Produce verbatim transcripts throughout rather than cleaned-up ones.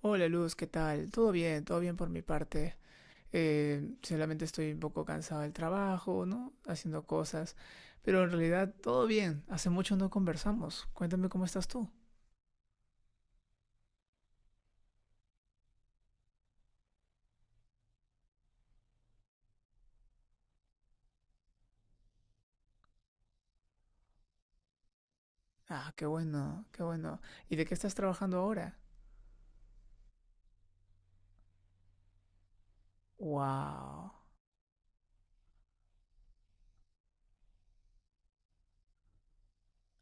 Hola Luz, ¿qué tal? Todo bien, todo bien por mi parte. Eh, solamente estoy un poco cansado del trabajo, ¿no? Haciendo cosas. Pero en realidad todo bien. Hace mucho no conversamos. Cuéntame cómo estás tú. Ah, qué bueno, qué bueno. ¿Y de qué estás trabajando ahora? Wow.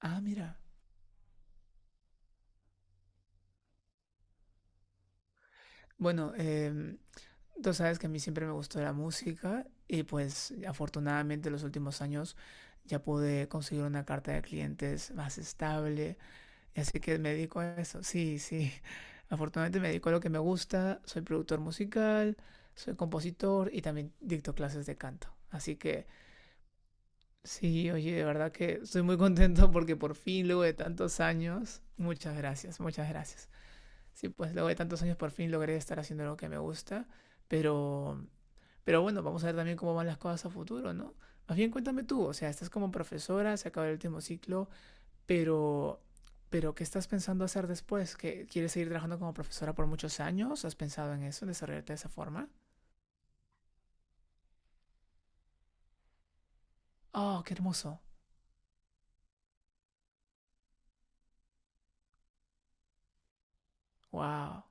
Ah, mira. Bueno, em, tú sabes que a mí siempre me gustó la música y pues afortunadamente en los últimos años ya pude conseguir una carta de clientes más estable. Así que me dedico a eso. Sí, sí. Afortunadamente me dedico a lo que me gusta. Soy productor musical, soy compositor y también dicto clases de canto. Así que sí, oye, de verdad que estoy muy contento porque por fin, luego de tantos años, muchas gracias, muchas gracias. Sí, pues luego de tantos años por fin logré estar haciendo lo que me gusta. Pero, pero bueno, vamos a ver también cómo van las cosas a futuro, ¿no? Más bien cuéntame tú, o sea, estás como profesora, se acaba el último ciclo, pero, pero ¿qué estás pensando hacer después? ¿Que quieres seguir trabajando como profesora por muchos años? ¿Has pensado en eso, en desarrollarte de esa forma? Oh, qué hermoso. Wow.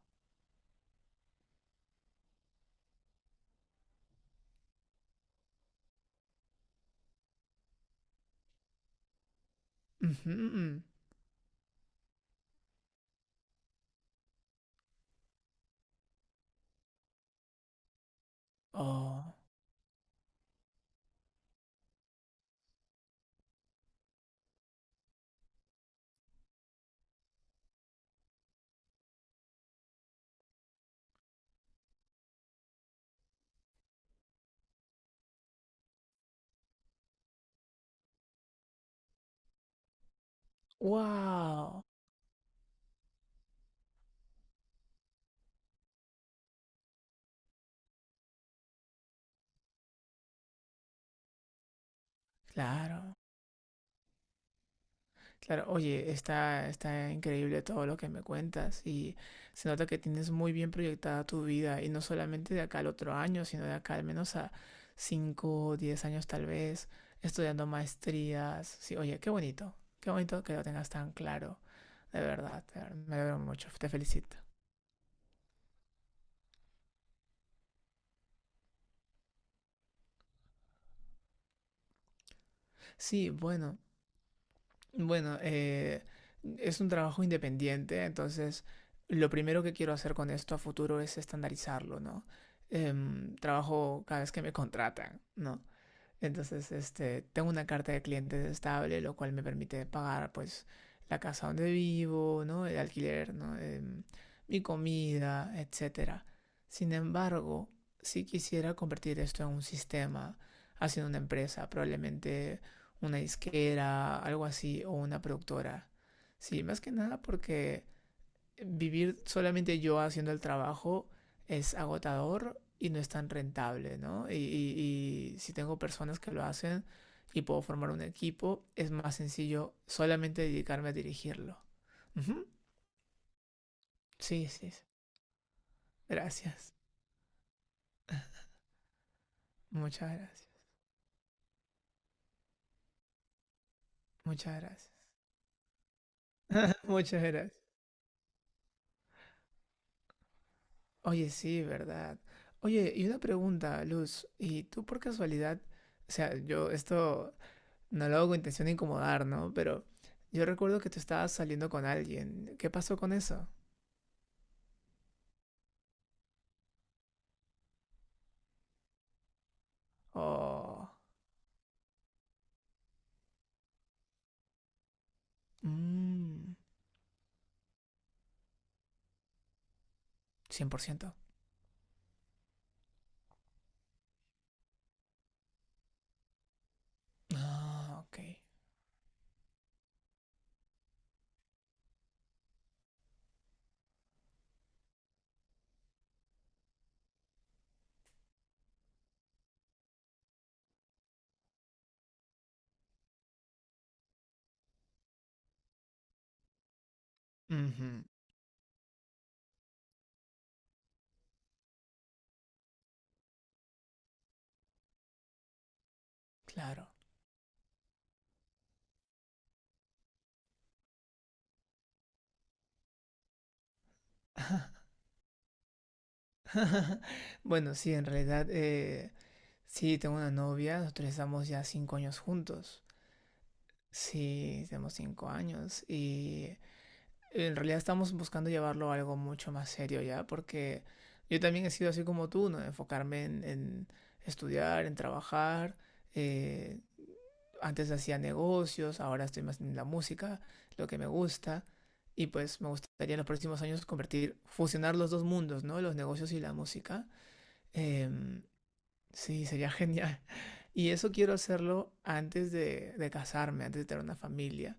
Ujú, ujú. Oh, wow. Claro, claro. Oye, está, está increíble todo lo que me cuentas y se nota que tienes muy bien proyectada tu vida y no solamente de acá al otro año, sino de acá al menos a cinco o diez años tal vez, estudiando maestrías. Sí, oye, qué bonito, qué bonito que lo tengas tan claro. De verdad, de verdad, me alegro mucho, te felicito. Sí, bueno, bueno, eh, es un trabajo independiente, entonces lo primero que quiero hacer con esto a futuro es estandarizarlo, ¿no? Em, trabajo cada vez que me contratan, ¿no? Entonces, este, tengo una carta de clientes estable, lo cual me permite pagar, pues, la casa donde vivo, ¿no? El alquiler, ¿no? Em, mi comida, etcétera. Sin embargo, si quisiera convertir esto en un sistema, haciendo una empresa, probablemente una disquera, algo así, o una productora. Sí, más que nada porque vivir solamente yo haciendo el trabajo es agotador y no es tan rentable, ¿no? Y, y- y si tengo personas que lo hacen y puedo formar un equipo, es más sencillo solamente dedicarme a dirigirlo. Ujú. Sí, sí, sí. Gracias. Muchas gracias. Muchas gracias. Muchas gracias. Oye, sí, verdad. Oye, y una pregunta, Luz. ¿Y tú por casualidad? O sea, yo esto no lo hago con intención de incomodar, ¿no? Pero yo recuerdo que tú estabas saliendo con alguien. ¿Qué pasó con eso? Oh. Mmm. Cien por ciento. Ah, ok. Ujú. Claro. Bueno, sí, en realidad, eh, sí, tengo una novia, nosotros estamos ya cinco años juntos. Sí, tenemos cinco años y en realidad estamos buscando llevarlo a algo mucho más serio ya, porque yo también he sido así como tú, ¿no? Enfocarme en, en estudiar, en trabajar. eh, antes hacía negocios, ahora estoy más en la música, lo que me gusta. Y pues me gustaría en los próximos años convertir, fusionar los dos mundos, ¿no? Los negocios y la música. Em, sí, sería genial. Y eso quiero hacerlo antes de, de casarme, antes de tener una familia,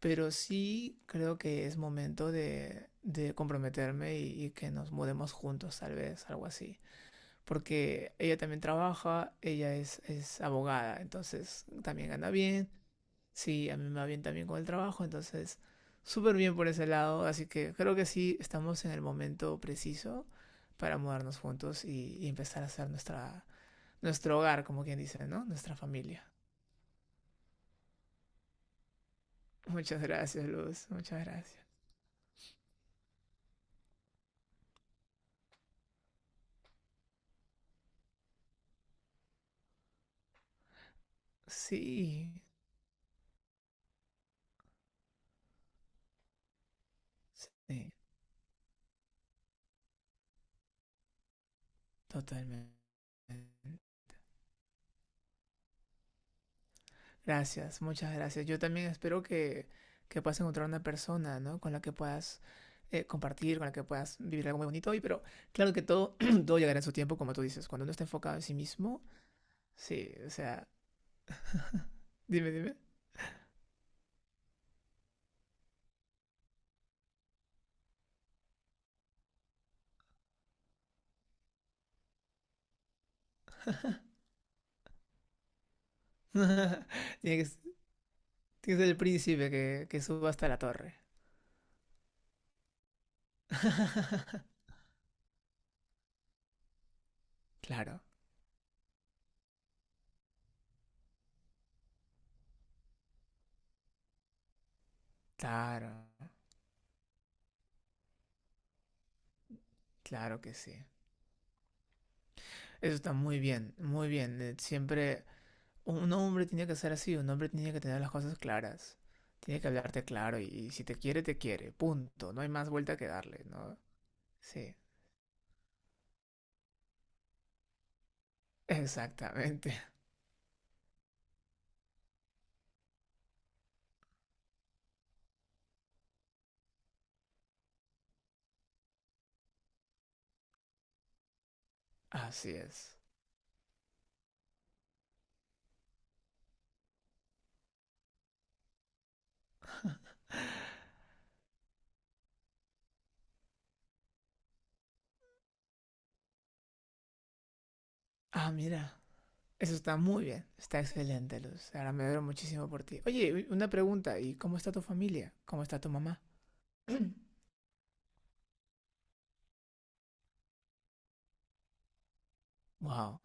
pero sí creo que es momento de, de comprometerme y, y que nos mudemos juntos, tal vez, algo así. Porque ella también trabaja, ella es, es abogada, entonces también gana bien. Sí, a mí me va bien también con el trabajo, entonces súper bien por ese lado. Así que creo que sí estamos en el momento preciso para mudarnos juntos y, y empezar a hacer nuestra, nuestro hogar, como quien dice, ¿no? Nuestra familia. Muchas gracias, Luz. Muchas gracias. Sí, sí. Totalmente. Gracias, muchas gracias. Yo también espero que, que puedas encontrar una persona, ¿no? Con la que puedas eh, compartir, con la que puedas vivir algo muy bonito hoy, pero claro que todo, todo llegará en su tiempo, como tú dices. Cuando uno está enfocado en sí mismo, sí, o sea, dime, dime. tiene, que, s- Tiene que ser el príncipe que, que suba hasta la torre. Claro, claro, claro que sí. Eso está muy bien, muy bien. Eh, Siempre un hombre tiene que ser así, un hombre tiene que tener las cosas claras, tiene que hablarte claro y, y si te quiere, te quiere, punto, no hay más vuelta que darle, ¿no? Sí, exactamente, así es. Ah, mira, eso está muy bien, está excelente, Luz, ahora me alegro muchísimo por ti. Oye, una pregunta, ¿y cómo está tu familia? ¿Cómo está tu mamá? Wow.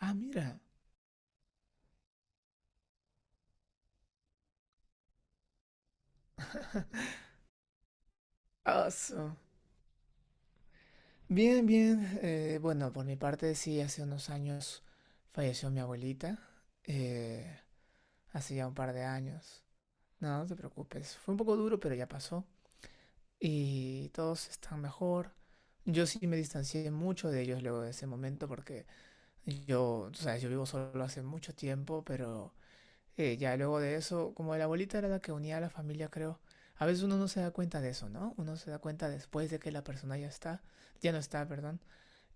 Ah, mira. Awesome. Bien, bien. Eh, bueno, por mi parte sí, hace unos años falleció mi abuelita. Eh, hace ya un par de años. No, no te preocupes. Fue un poco duro, pero ya pasó. Y todos están mejor. Yo sí me distancié mucho de ellos luego de ese momento porque yo, tú sabes, yo vivo solo hace mucho tiempo, pero eh, ya luego de eso, como la abuelita era la que unía a la familia, creo, a veces uno no se da cuenta de eso, ¿no? Uno se da cuenta después de que la persona ya está, ya no está, perdón,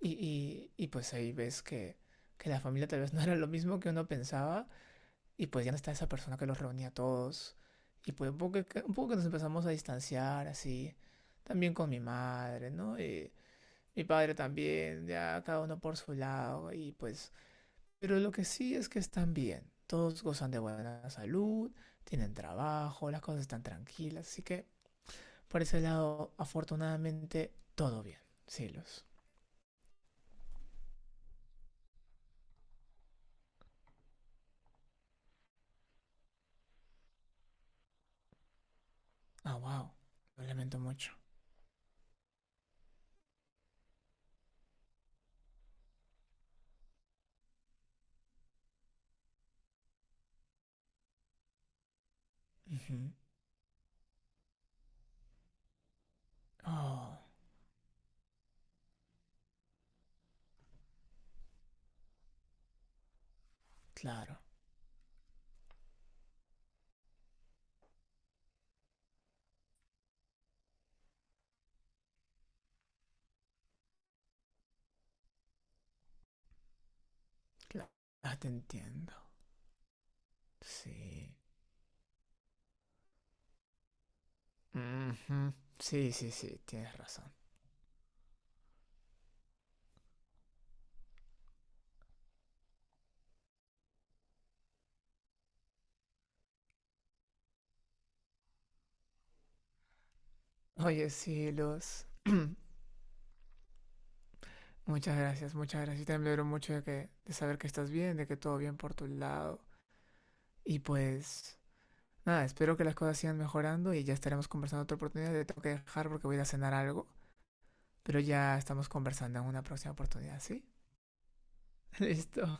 y, y, y pues ahí ves que, que la familia tal vez no era lo mismo que uno pensaba y pues ya no está esa persona que los reunía a todos. Y pues un poco, que- un poco que nos empezamos a distanciar así. También con mi madre, ¿no? Y mi padre también, ya cada uno por su lado. Y pues... Pero lo que sí es que están bien. Todos gozan de buena salud, tienen trabajo, las cosas están tranquilas. Así que por ese lado, afortunadamente, todo bien. Cielos. Ah, wow. Lo lamento mucho. Ujú. Oh, claro. Claro. Ah, te entiendo. Sí. Ujú. Sí, sí, sí, tienes razón. Oye, sí, Luz. Muchas gracias, muchas gracias. Yo también me alegro mucho de que, de saber que estás bien, de que todo bien por tu lado. Y pues, nada, espero que las cosas sigan mejorando y ya estaremos conversando en otra oportunidad. Te tengo que dejar porque voy a ir a cenar algo, pero ya estamos conversando en una próxima oportunidad, ¿sí? Listo.